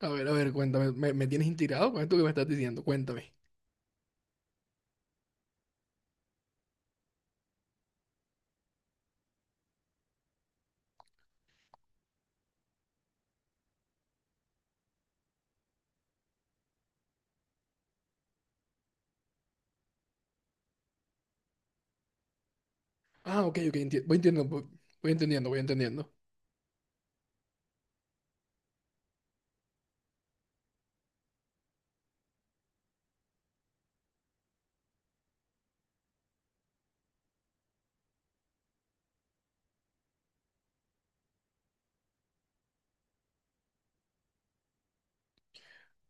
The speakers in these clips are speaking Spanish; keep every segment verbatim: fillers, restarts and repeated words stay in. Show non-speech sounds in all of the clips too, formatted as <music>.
A ver, a ver, cuéntame. ¿Me, me tienes intrigado con esto que me estás diciendo? Cuéntame. Ah, ok, ok, enti- voy entendiendo, voy, voy entendiendo, voy entendiendo.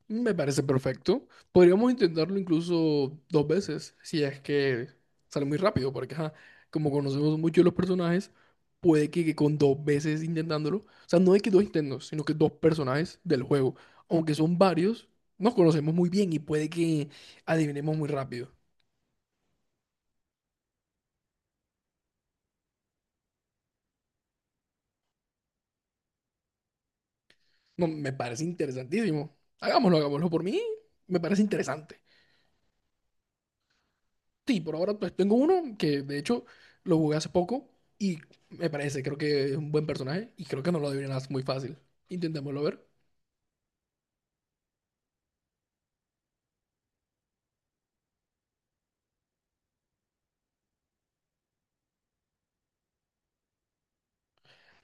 Me parece perfecto. Podríamos intentarlo incluso dos veces, si es que sale muy rápido, porque ajá, como conocemos mucho de los personajes, puede que, que con dos veces intentándolo, o sea, no es que dos intentos, sino que dos personajes del juego, aunque son varios, nos conocemos muy bien y puede que adivinemos muy rápido. No, me parece interesantísimo. Hagámoslo, hagámoslo. Por mí, me parece interesante. Sí, por ahora pues tengo uno que de hecho lo jugué hace poco y me parece, creo que es un buen personaje y creo que no lo adivinas muy fácil. Intentémoslo ver.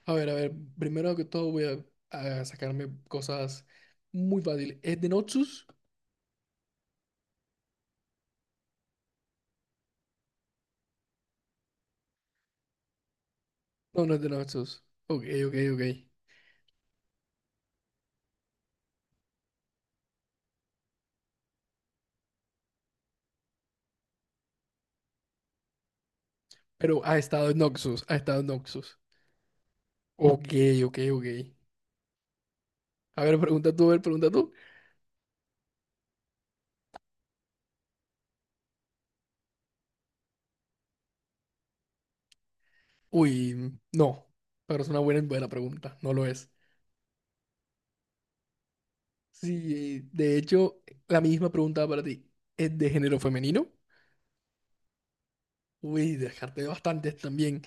A ver, a ver, primero que todo voy a, a sacarme cosas muy fáciles. ¿Es de Noxus? No, no es de Noxus. Ok, ok, ok. Pero ha estado en Noxus, ha estado en Noxus. Ok, ok, ok. A ver, pregunta tú, a ver, pregunta tú. Uy, no, pero es una buena, buena pregunta, no lo es. Sí, de hecho, la misma pregunta para ti. ¿Es de género femenino? Uy, dejarte bastantes también.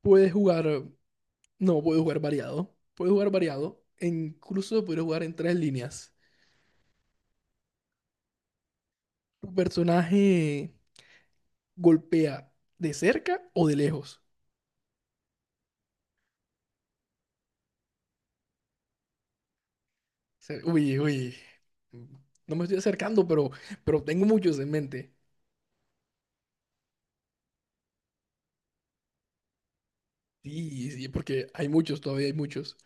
Puedes jugar, no, puedes jugar variado. Puedes jugar variado, e incluso puedes jugar en tres líneas. ¿Tu personaje golpea de cerca o de lejos? O Uy, uy. No me estoy acercando, pero, pero tengo muchos en mente. Sí, sí, porque hay muchos, todavía hay muchos.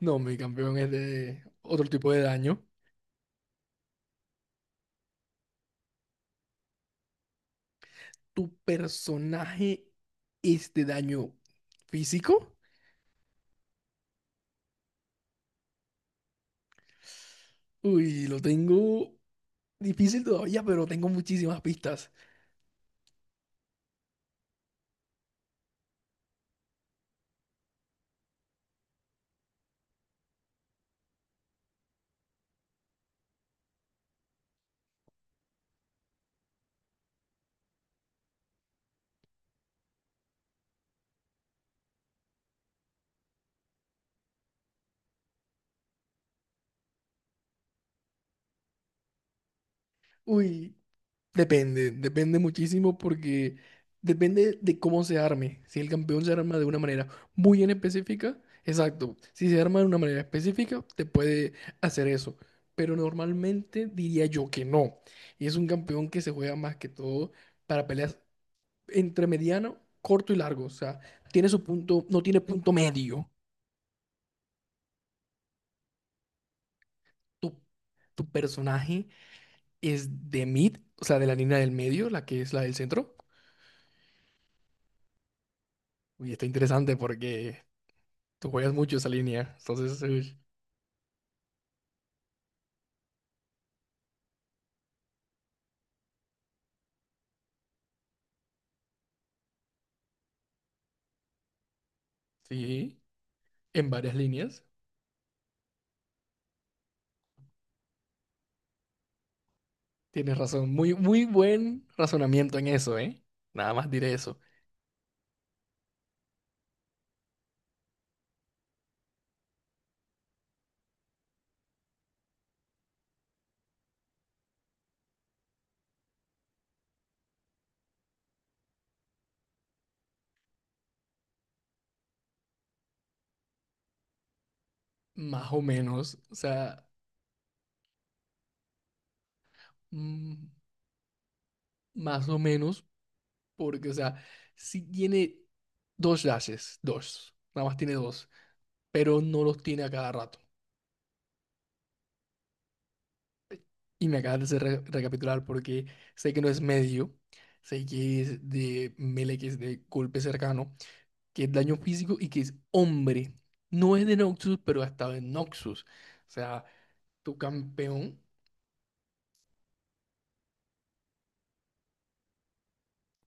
No, mi campeón es de otro tipo de daño. ¿Tu personaje es de daño físico? Uy, lo tengo difícil todavía, pero tengo muchísimas pistas. Uy, depende, depende muchísimo porque depende de cómo se arme. Si el campeón se arma de una manera muy en específica, exacto. Si se arma de una manera específica, te puede hacer eso. Pero normalmente diría yo que no. Y es un campeón que se juega más que todo para peleas entre mediano, corto y largo. O sea, tiene su punto, no tiene punto medio. Tu, tu personaje es de mid, o sea, de la línea del medio, la que es la del centro. Uy, está interesante porque tú juegas mucho esa línea. Entonces, uy, sí, en varias líneas. Tienes razón. Muy, muy buen razonamiento en eso, ¿eh? Nada más diré eso. Más o menos, o sea, mm, más o menos, porque, o sea, sí tiene dos dashes, dos. Nada más tiene dos, pero no los tiene a cada rato. Y me acabas de hacer re- recapitular porque sé que no es medio, sé que es de melee, que es de golpe cercano, que es daño físico y que es hombre. No es de Noxus, pero ha estado en Noxus. O sea, tu campeón,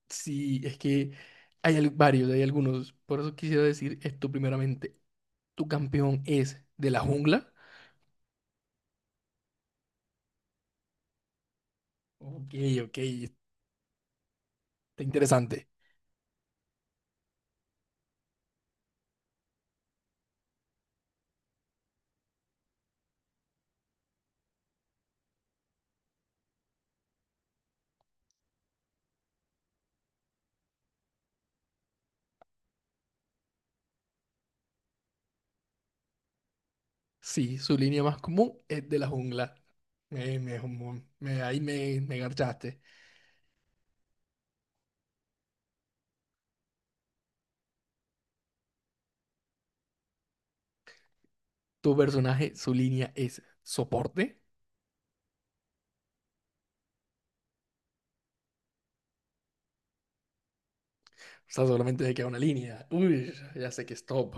sí, es que hay al- varios, hay algunos. Por eso quisiera decir esto primeramente. ¿Tu campeón es de la jungla? Ok, ok, está interesante. Sí, su línea más común es de la jungla. Eh, me, me- ahí me, me garchaste. Tu personaje, su línea es soporte. O sea, solamente le queda una línea. Uy, ya sé que es top.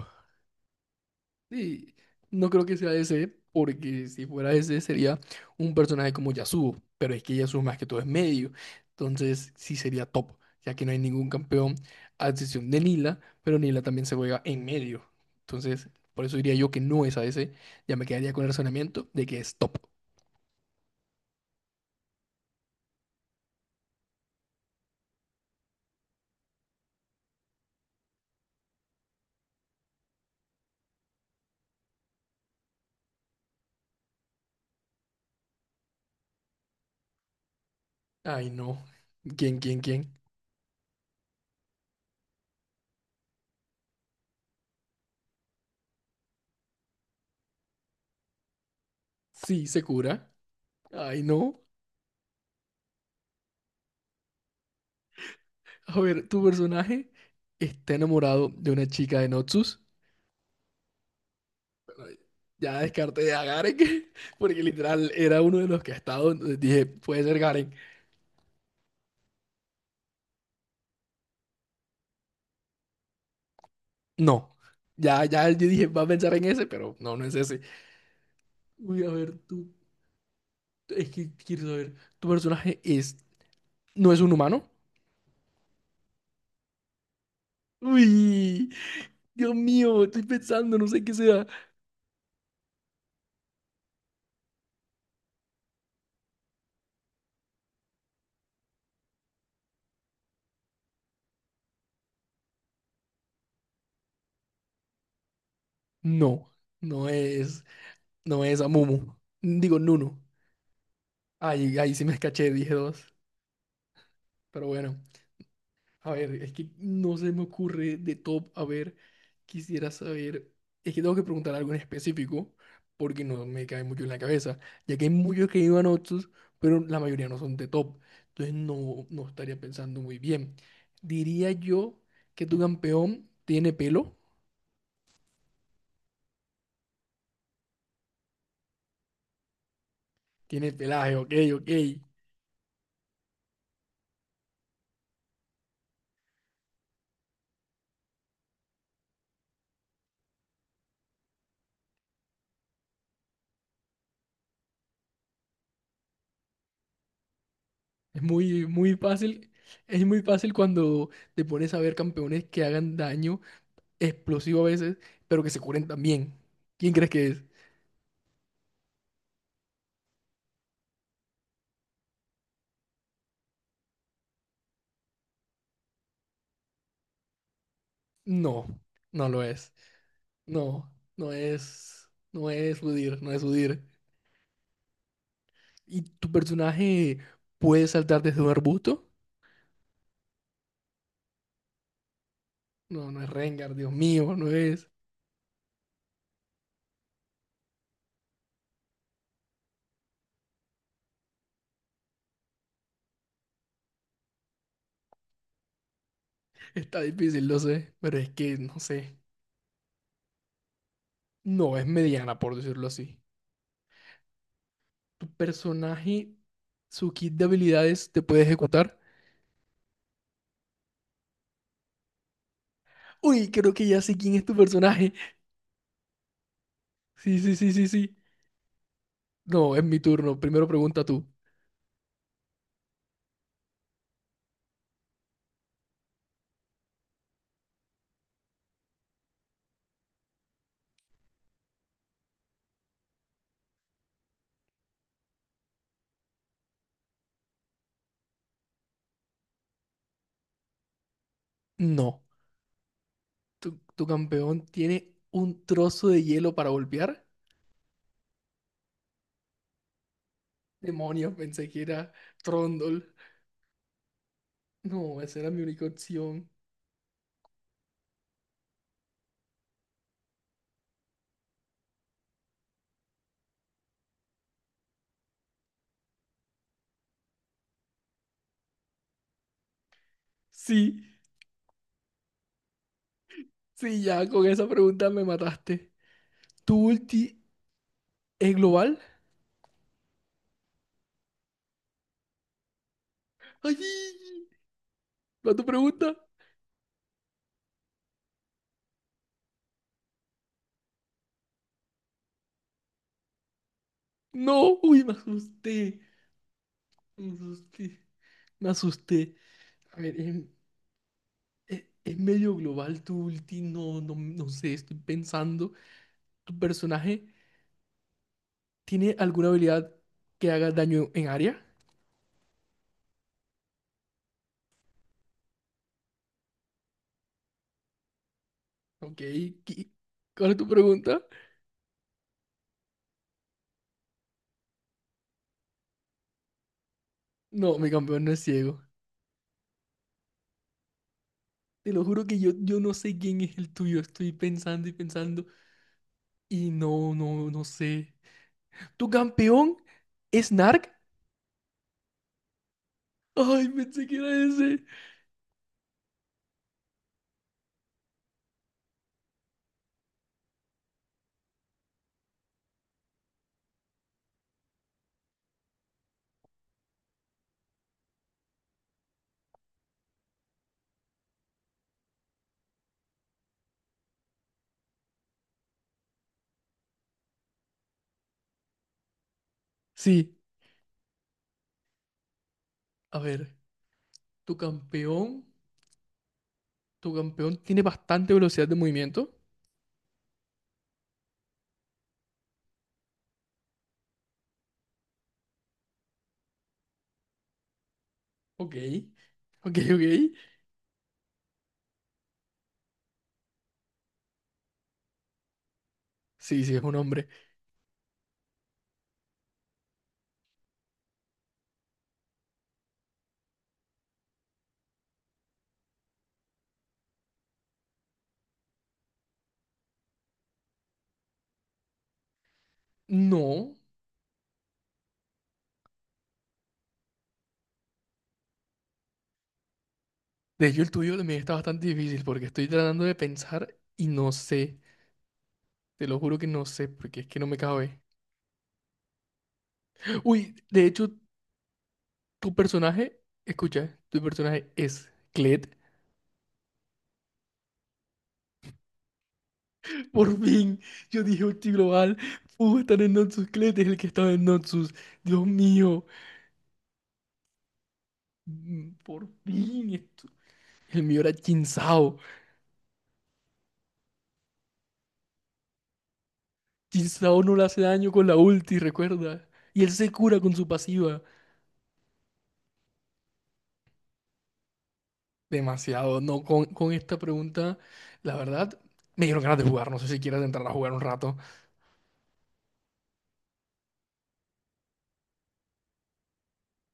Sí, no creo que sea ese, porque si fuera ese sería un personaje como Yasuo, pero es que Yasuo más que todo es medio, entonces sí sería top, ya que no hay ningún campeón a excepción de Nila, pero Nila también se juega en medio, entonces por eso diría yo que no es a ese, ya me quedaría con el razonamiento de que es top. Ay no, ¿quién, quién, quién? Sí, se cura. Ay no, a ver, tu personaje está enamorado de una chica de Noxus. Ay, ya descarté a Garen, <laughs> porque literal era uno de los que ha estado, entonces dije, puede ser Garen. No, ya, ya yo dije, va a pensar en ese, pero no, no es ese. Uy, a ver, tú, es que quiero saber, ¿tu personaje es, no es un humano? Uy, Dios mío, estoy pensando, no sé qué sea. No, no es, no es Amumu. Digo, Nuno. Ay, ahí sí me escaché, dije dos, pero bueno. A ver, es que no se me ocurre de top. A ver, quisiera saber. Es que tengo que preguntar algo en específico porque no me cae mucho en la cabeza, ya que hay muchos que iban otros, pero la mayoría no son de top. Entonces no, no estaría pensando muy bien. Diría yo que tu campeón tiene pelo, tiene pelaje, ok, ok. Es muy, muy fácil. Es muy fácil cuando te pones a ver campeones que hagan daño explosivo a veces, pero que se curen también. ¿Quién crees que es? No, no lo es. No, no es, no es Udyr, no es Udyr. ¿Y tu personaje puede saltar desde un arbusto? No, no es Rengar, Dios mío, no es. Está difícil, lo sé, pero es que no sé. No es mediana, por decirlo así. ¿Tu personaje, su kit de habilidades te puede ejecutar? Uy, creo que ya sé quién es tu personaje. Sí, sí, sí, sí, sí. No, es mi turno. Primero pregunta tú. No. ¿Tu, tu campeón tiene un trozo de hielo para golpear? Demonio, pensé que era Trondol. No, esa era mi única opción. Sí, sí, ya con esa pregunta me mataste. ¿Tu ulti es global? ¡Ay! ¿Va tu pregunta? No, uy, me asusté. Me asusté. Me asusté. A ver, es, es- es medio global tu ulti. No, no, no sé, estoy pensando. ¿Tu personaje tiene alguna habilidad que haga daño en área? Ok, ¿qué- ¿cuál es tu pregunta? No, mi campeón no es ciego. Te lo juro que yo, yo no sé quién es el tuyo. Estoy pensando y pensando y no, no, no sé. ¿Tu campeón es Narc? Ay, pensé que era ese. Sí, a ver. Tu campeón, tu campeón tiene bastante velocidad de movimiento. Ok, ok, ok. Sí, sí, es un hombre. No, de hecho el tuyo también está bastante difícil porque estoy tratando de pensar y no sé. Te lo juro que no sé porque es que no me cabe. Uy, de hecho, tu personaje, escucha, tu personaje es Klett. <laughs> Por fin, yo dije Ulti Global pudo estar en Noxus. Klett es el que estaba en Noxus. Dios mío, mm, por fin. esto- El mío era Jin Sao. Jin Sao no le hace daño con la ulti, recuerda. Y él se cura con su pasiva. Demasiado, no, con, con esta pregunta, la verdad, me dieron ganas de jugar. No sé si quieres entrar a jugar un rato.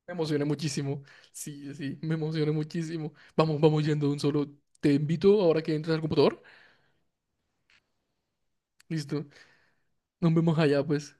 Me emocioné muchísimo. Sí, sí, me emocioné muchísimo. Vamos, vamos yendo de un solo. Te invito ahora que entres al computador. Listo. Nos vemos allá, pues.